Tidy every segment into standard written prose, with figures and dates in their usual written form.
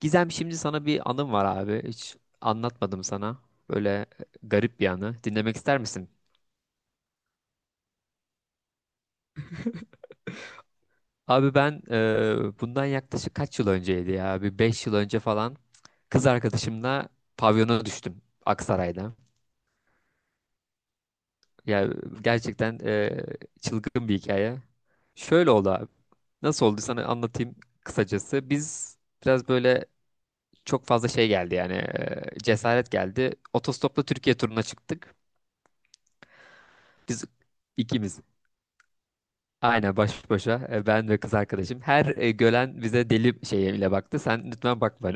Gizem şimdi sana bir anım var abi. Hiç anlatmadım sana. Böyle garip bir anı. Dinlemek ister misin? Abi ben bundan yaklaşık kaç yıl önceydi ya? Bir 5 yıl önce falan kız arkadaşımla pavyona düştüm Aksaray'da. Ya gerçekten çılgın bir hikaye. Şöyle oldu abi. Nasıl oldu sana anlatayım kısacası. Biz biraz böyle çok fazla şey geldi yani cesaret geldi. Otostopla Türkiye turuna çıktık. Biz ikimiz. Aynen baş başa ben ve kız arkadaşım. Her gören bize deli şeyiyle baktı. Sen lütfen bakma.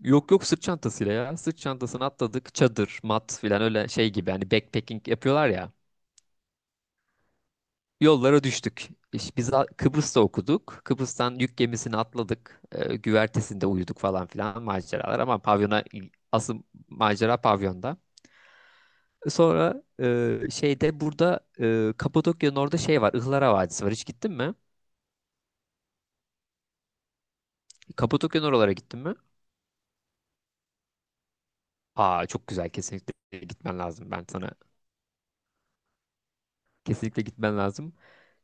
Yok yok, sırt çantasıyla ya. Sırt çantasını atladık. Çadır, mat filan öyle şey gibi. Hani backpacking yapıyorlar ya. Yollara düştük. İşte biz Kıbrıs'ta okuduk. Kıbrıs'tan yük gemisini atladık. Güvertesinde uyuduk falan filan maceralar. Ama pavyona asıl macera pavyonda. Sonra şeyde burada Kapadokya'nın orada şey var. Ihlara Vadisi var. Hiç gittin mi? Kapadokya'nın oralara gittin mi? Aa, çok güzel, kesinlikle gitmen lazım. Ben sana kesinlikle gitmen lazım.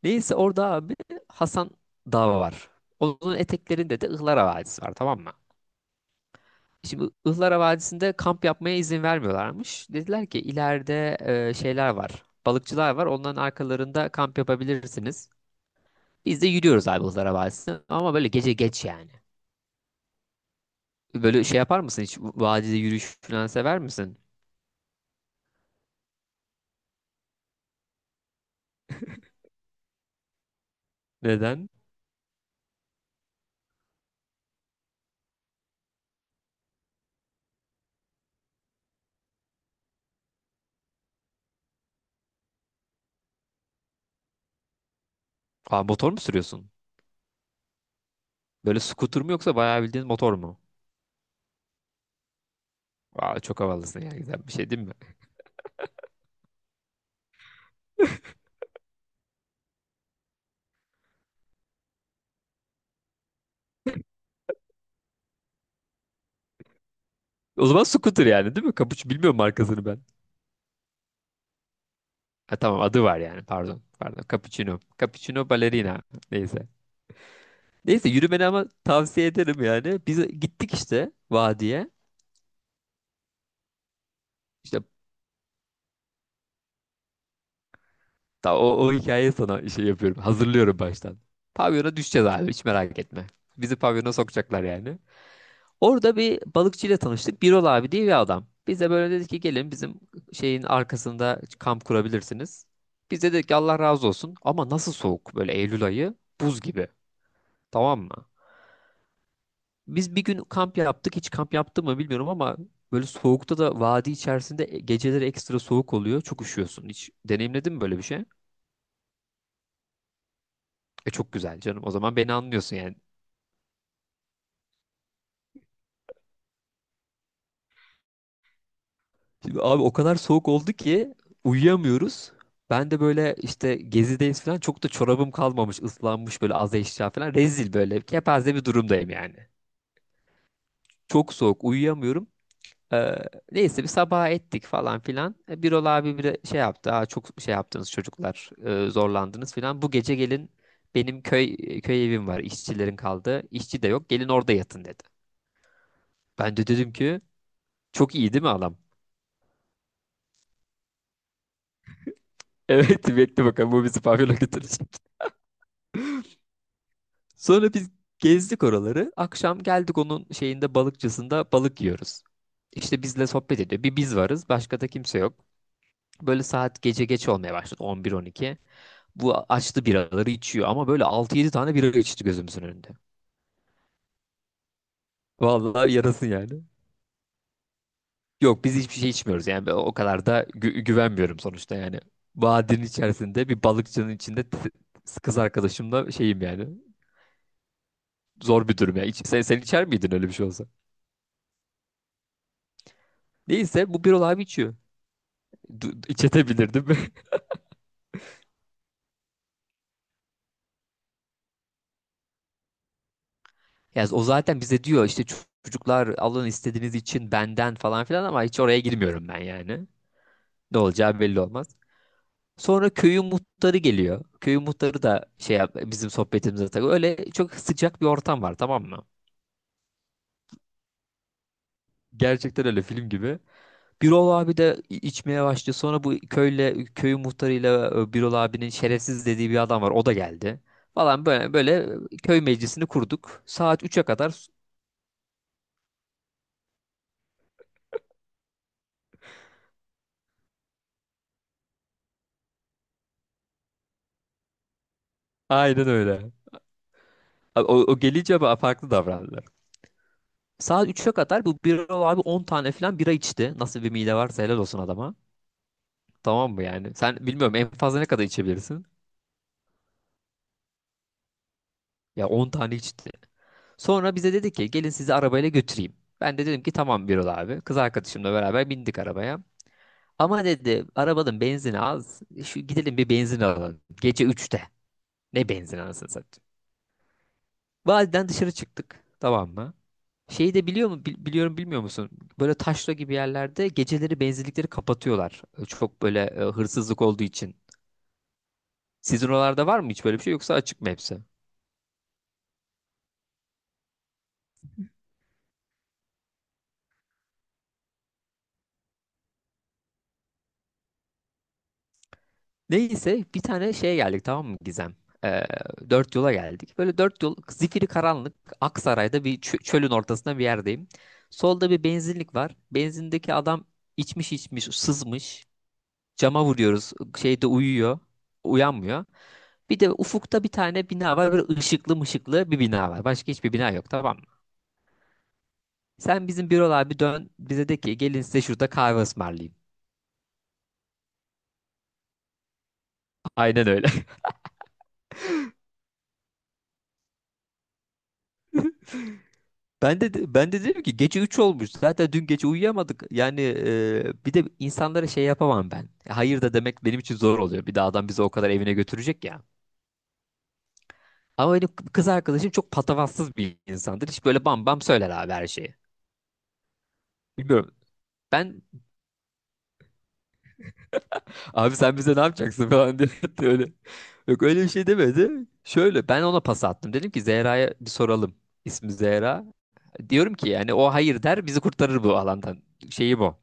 Neyse orada abi Hasan Dağı var. Onun eteklerinde de Ihlara Vadisi var, tamam mı? Şimdi Ihlara Vadisi'nde kamp yapmaya izin vermiyorlarmış. Dediler ki ileride şeyler var. Balıkçılar var. Onların arkalarında kamp yapabilirsiniz. Biz de yürüyoruz abi Ihlara Vadisi'ne. Ama böyle gece geç yani. Böyle şey yapar mısın hiç? Vadide yürüyüş falan sever misin? Neden? Aa, motor mu sürüyorsun? Böyle scooter mu yoksa bayağı bildiğin motor mu? Aa, çok havalısın ya, güzel bir şey değil mi? O zaman scooter yani değil mi? Cappuccino, bilmiyorum markasını ben. Ha, tamam adı var yani, pardon. Pardon Cappuccino. Cappuccino Ballerina. Neyse. Neyse yürümeni ama tavsiye ederim yani. Biz gittik işte vadiye. İşte o hikayeyi sana şey yapıyorum. Hazırlıyorum baştan. Pavyona düşeceğiz abi, hiç merak etme. Bizi pavyona sokacaklar yani. Orada bir balıkçıyla tanıştık. Birol abi diye bir adam. Bize böyle dedi ki gelin bizim şeyin arkasında kamp kurabilirsiniz. Biz de dedik ki Allah razı olsun, ama nasıl soğuk, böyle Eylül ayı, buz gibi, tamam mı? Biz bir gün kamp yaptık, hiç kamp yaptı mı bilmiyorum, ama böyle soğukta da vadi içerisinde geceleri ekstra soğuk oluyor, çok üşüyorsun. Hiç deneyimledin mi böyle bir şey? E, çok güzel canım, o zaman beni anlıyorsun yani. Şimdi abi o kadar soğuk oldu ki uyuyamıyoruz. Ben de böyle işte gezideyiz falan, çok da çorabım kalmamış, ıslanmış, böyle az eşya falan, rezil, böyle kepaze bir durumdayım yani. Çok soğuk uyuyamıyorum. Ee, neyse bir sabaha ettik falan filan. Birol abi bir şey yaptı. Aa, çok şey yaptınız çocuklar, zorlandınız filan. Bu gece gelin, benim köy evim var, işçilerin kaldığı. İşçi de yok, gelin orada yatın dedi. Ben de dedim ki çok iyi değil mi adam? Evet, bekle bakalım bu bizi pavyona götürecek. Sonra biz gezdik oraları. Akşam geldik onun şeyinde, balıkçısında balık yiyoruz. İşte bizle sohbet ediyor. Bir biz varız. Başka da kimse yok. Böyle saat gece geç olmaya başladı. 11-12. Bu açtı biraları içiyor. Ama böyle 6-7 tane bira içti gözümüzün önünde. Vallahi yarasın yani. Yok, biz hiçbir şey içmiyoruz. Yani ben o kadar da güvenmiyorum sonuçta yani. Vadinin içerisinde bir balıkçının içinde kız arkadaşımla şeyim yani. Zor bir durum ya. Sen içer miydin öyle bir şey olsa? Neyse bu bir abi içiyor. İçetebilirdim. Yani o zaten bize diyor işte, Çocuklar alın istediğiniz için benden" falan filan, ama hiç oraya girmiyorum ben yani. Ne olacağı belli olmaz. Sonra köyün muhtarı geliyor. Köyün muhtarı da şey bizim sohbetimize takıyor. Öyle çok sıcak bir ortam var, tamam mı? Gerçekten öyle film gibi. Birol abi de içmeye başlıyor. Sonra bu köyle, köyün muhtarıyla, Birol abinin şerefsiz dediği bir adam var. O da geldi. Falan böyle böyle köy meclisini kurduk. Saat 3'e kadar. Aynen öyle. Abi O gelince farklı davrandılar. Saat 3'e kadar bu bira abi 10 tane falan bira içti. Nasıl bir mide varsa helal olsun adama. Tamam mı yani? Sen bilmiyorum, en fazla ne kadar içebilirsin? Ya 10 tane içti. Sonra bize dedi ki gelin sizi arabayla götüreyim. Ben de dedim ki tamam Birol abi. Kız arkadaşımla beraber bindik arabaya. Ama dedi arabanın benzini az, şu gidelim bir benzin alalım. Gece 3'te. Ne benzin anasını satayım. Vadiden dışarı çıktık. Tamam mı? Şeyi de biliyor mu? Biliyorum, bilmiyor musun? Böyle taşra gibi yerlerde geceleri benzinlikleri kapatıyorlar. Çok böyle hırsızlık olduğu için. Sizin oralarda var mı hiç böyle bir şey, yoksa açık mı hepsi? Neyse bir tane şeye geldik, tamam mı Gizem? E, Dört yola geldik. Böyle dört yol zifiri karanlık, Aksaray'da bir çölün ortasında bir yerdeyim. Solda bir benzinlik var. Benzindeki adam içmiş içmiş sızmış. Cama vuruyoruz. Şeyde uyuyor. Uyanmıyor. Bir de ufukta bir tane bina var. Böyle ışıklı mışıklı bir bina var. Başka hiçbir bina yok, tamam mı? Sen bizim bürolar bir dön bize de ki gelin size şurada kahve ısmarlayayım. Aynen öyle. Ben de dedim ki gece 3 olmuş. Zaten dün gece uyuyamadık. Yani bir de insanlara şey yapamam ben. Hayır da demek benim için zor oluyor. Bir de adam bizi o kadar evine götürecek ya. Ama benim kız arkadaşım çok patavatsız bir insandır. Hiç böyle bam bam söyler abi her şeyi. Bilmiyorum. Ben Abi sen bize ne yapacaksın falan diye diyor öyle. Yok öyle bir şey demedi. Şöyle ben ona pas attım. Dedim ki Zehra'ya bir soralım. İsmi Zehra. Diyorum ki yani o hayır der, bizi kurtarır bu alandan. Şeyi bu.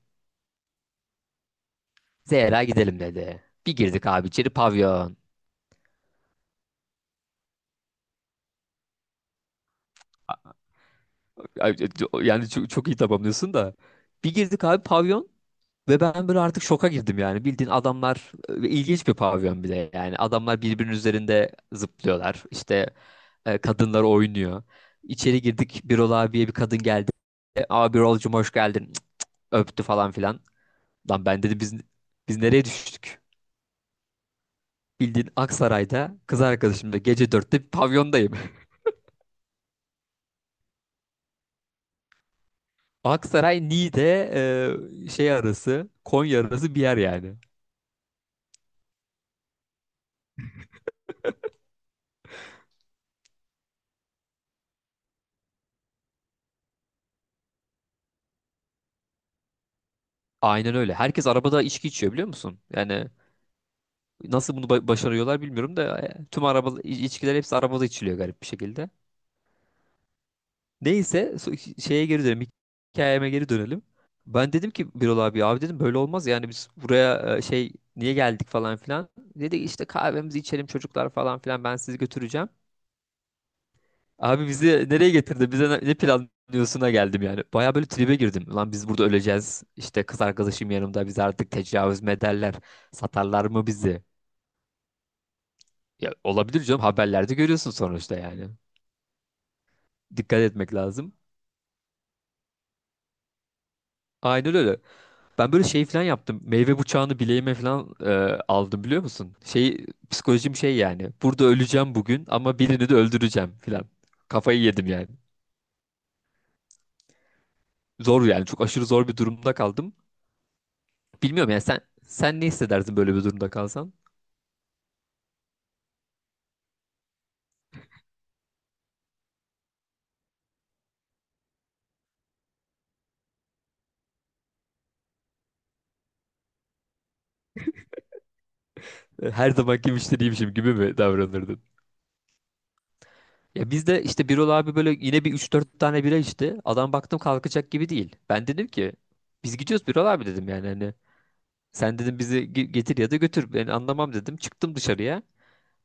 Zehra gidelim dedi. Bir girdik abi içeri, pavyon. Ay, yani çok, çok iyi tamamlıyorsun da. Bir girdik abi pavyon. Ve ben böyle artık şoka girdim yani. Bildiğin adamlar, ilginç bir pavyon bir de yani. Adamlar birbirinin üzerinde zıplıyorlar. İşte kadınlar oynuyor. İçeri girdik, Birol abiye bir kadın geldi. Abi Birol'cum hoş geldin. Cık, öptü falan filan. Lan ben dedi biz nereye düştük? Bildiğin Aksaray'da kız arkadaşımla gece 4'te bir pavyondayım. Aksaray, Niğde şey arası, Konya arası bir yer yani. Aynen öyle. Herkes arabada içki içiyor biliyor musun? Yani nasıl bunu başarıyorlar bilmiyorum da tüm araba içkiler hepsi arabada içiliyor garip bir şekilde. Neyse şeye geri dönelim. Hikayeme geri dönelim. Ben dedim ki Birol abi, abi dedim, böyle olmaz yani, biz buraya şey niye geldik falan filan. Dedi işte kahvemizi içelim çocuklar, falan filan, ben sizi götüreceğim. Abi bizi nereye getirdi? Bize ne planlıyorsun'a geldim yani. Baya böyle tribe girdim. Lan biz burada öleceğiz. İşte kız arkadaşım yanımda, biz artık tecavüz mederler. Satarlar mı bizi? Ya olabilir canım, haberlerde görüyorsun sonuçta yani. Dikkat etmek lazım. Aynen öyle. Ben böyle şey falan yaptım. Meyve bıçağını bileğime falan aldım biliyor musun? Şey psikolojim şey yani. Burada öleceğim bugün ama birini de öldüreceğim falan. Kafayı yedim yani. Zor yani. Çok aşırı zor bir durumda kaldım. Bilmiyorum yani, sen ne hissedersin böyle bir durumda kalsan? Her zamanki müşteriymişim gibi mi davranırdın? Ya biz de işte Birol abi böyle yine bir 3-4 tane bira içti. Adam baktım kalkacak gibi değil. Ben dedim ki biz gidiyoruz Birol abi, dedim yani, hani sen dedim bizi getir ya da götür. Ben anlamam dedim. Çıktım dışarıya.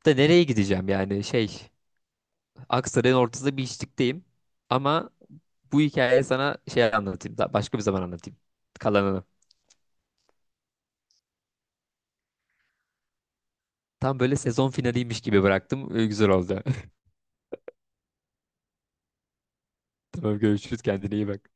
Da nereye gideceğim yani şey. Aksaray'ın ortasında bir içlikteyim. Ama bu hikayeyi sana şey anlatayım. Daha başka bir zaman anlatayım. Kalanını. Tam böyle sezon finaliymiş gibi bıraktım. Güzel oldu. Tamam görüşürüz. Kendine iyi bak.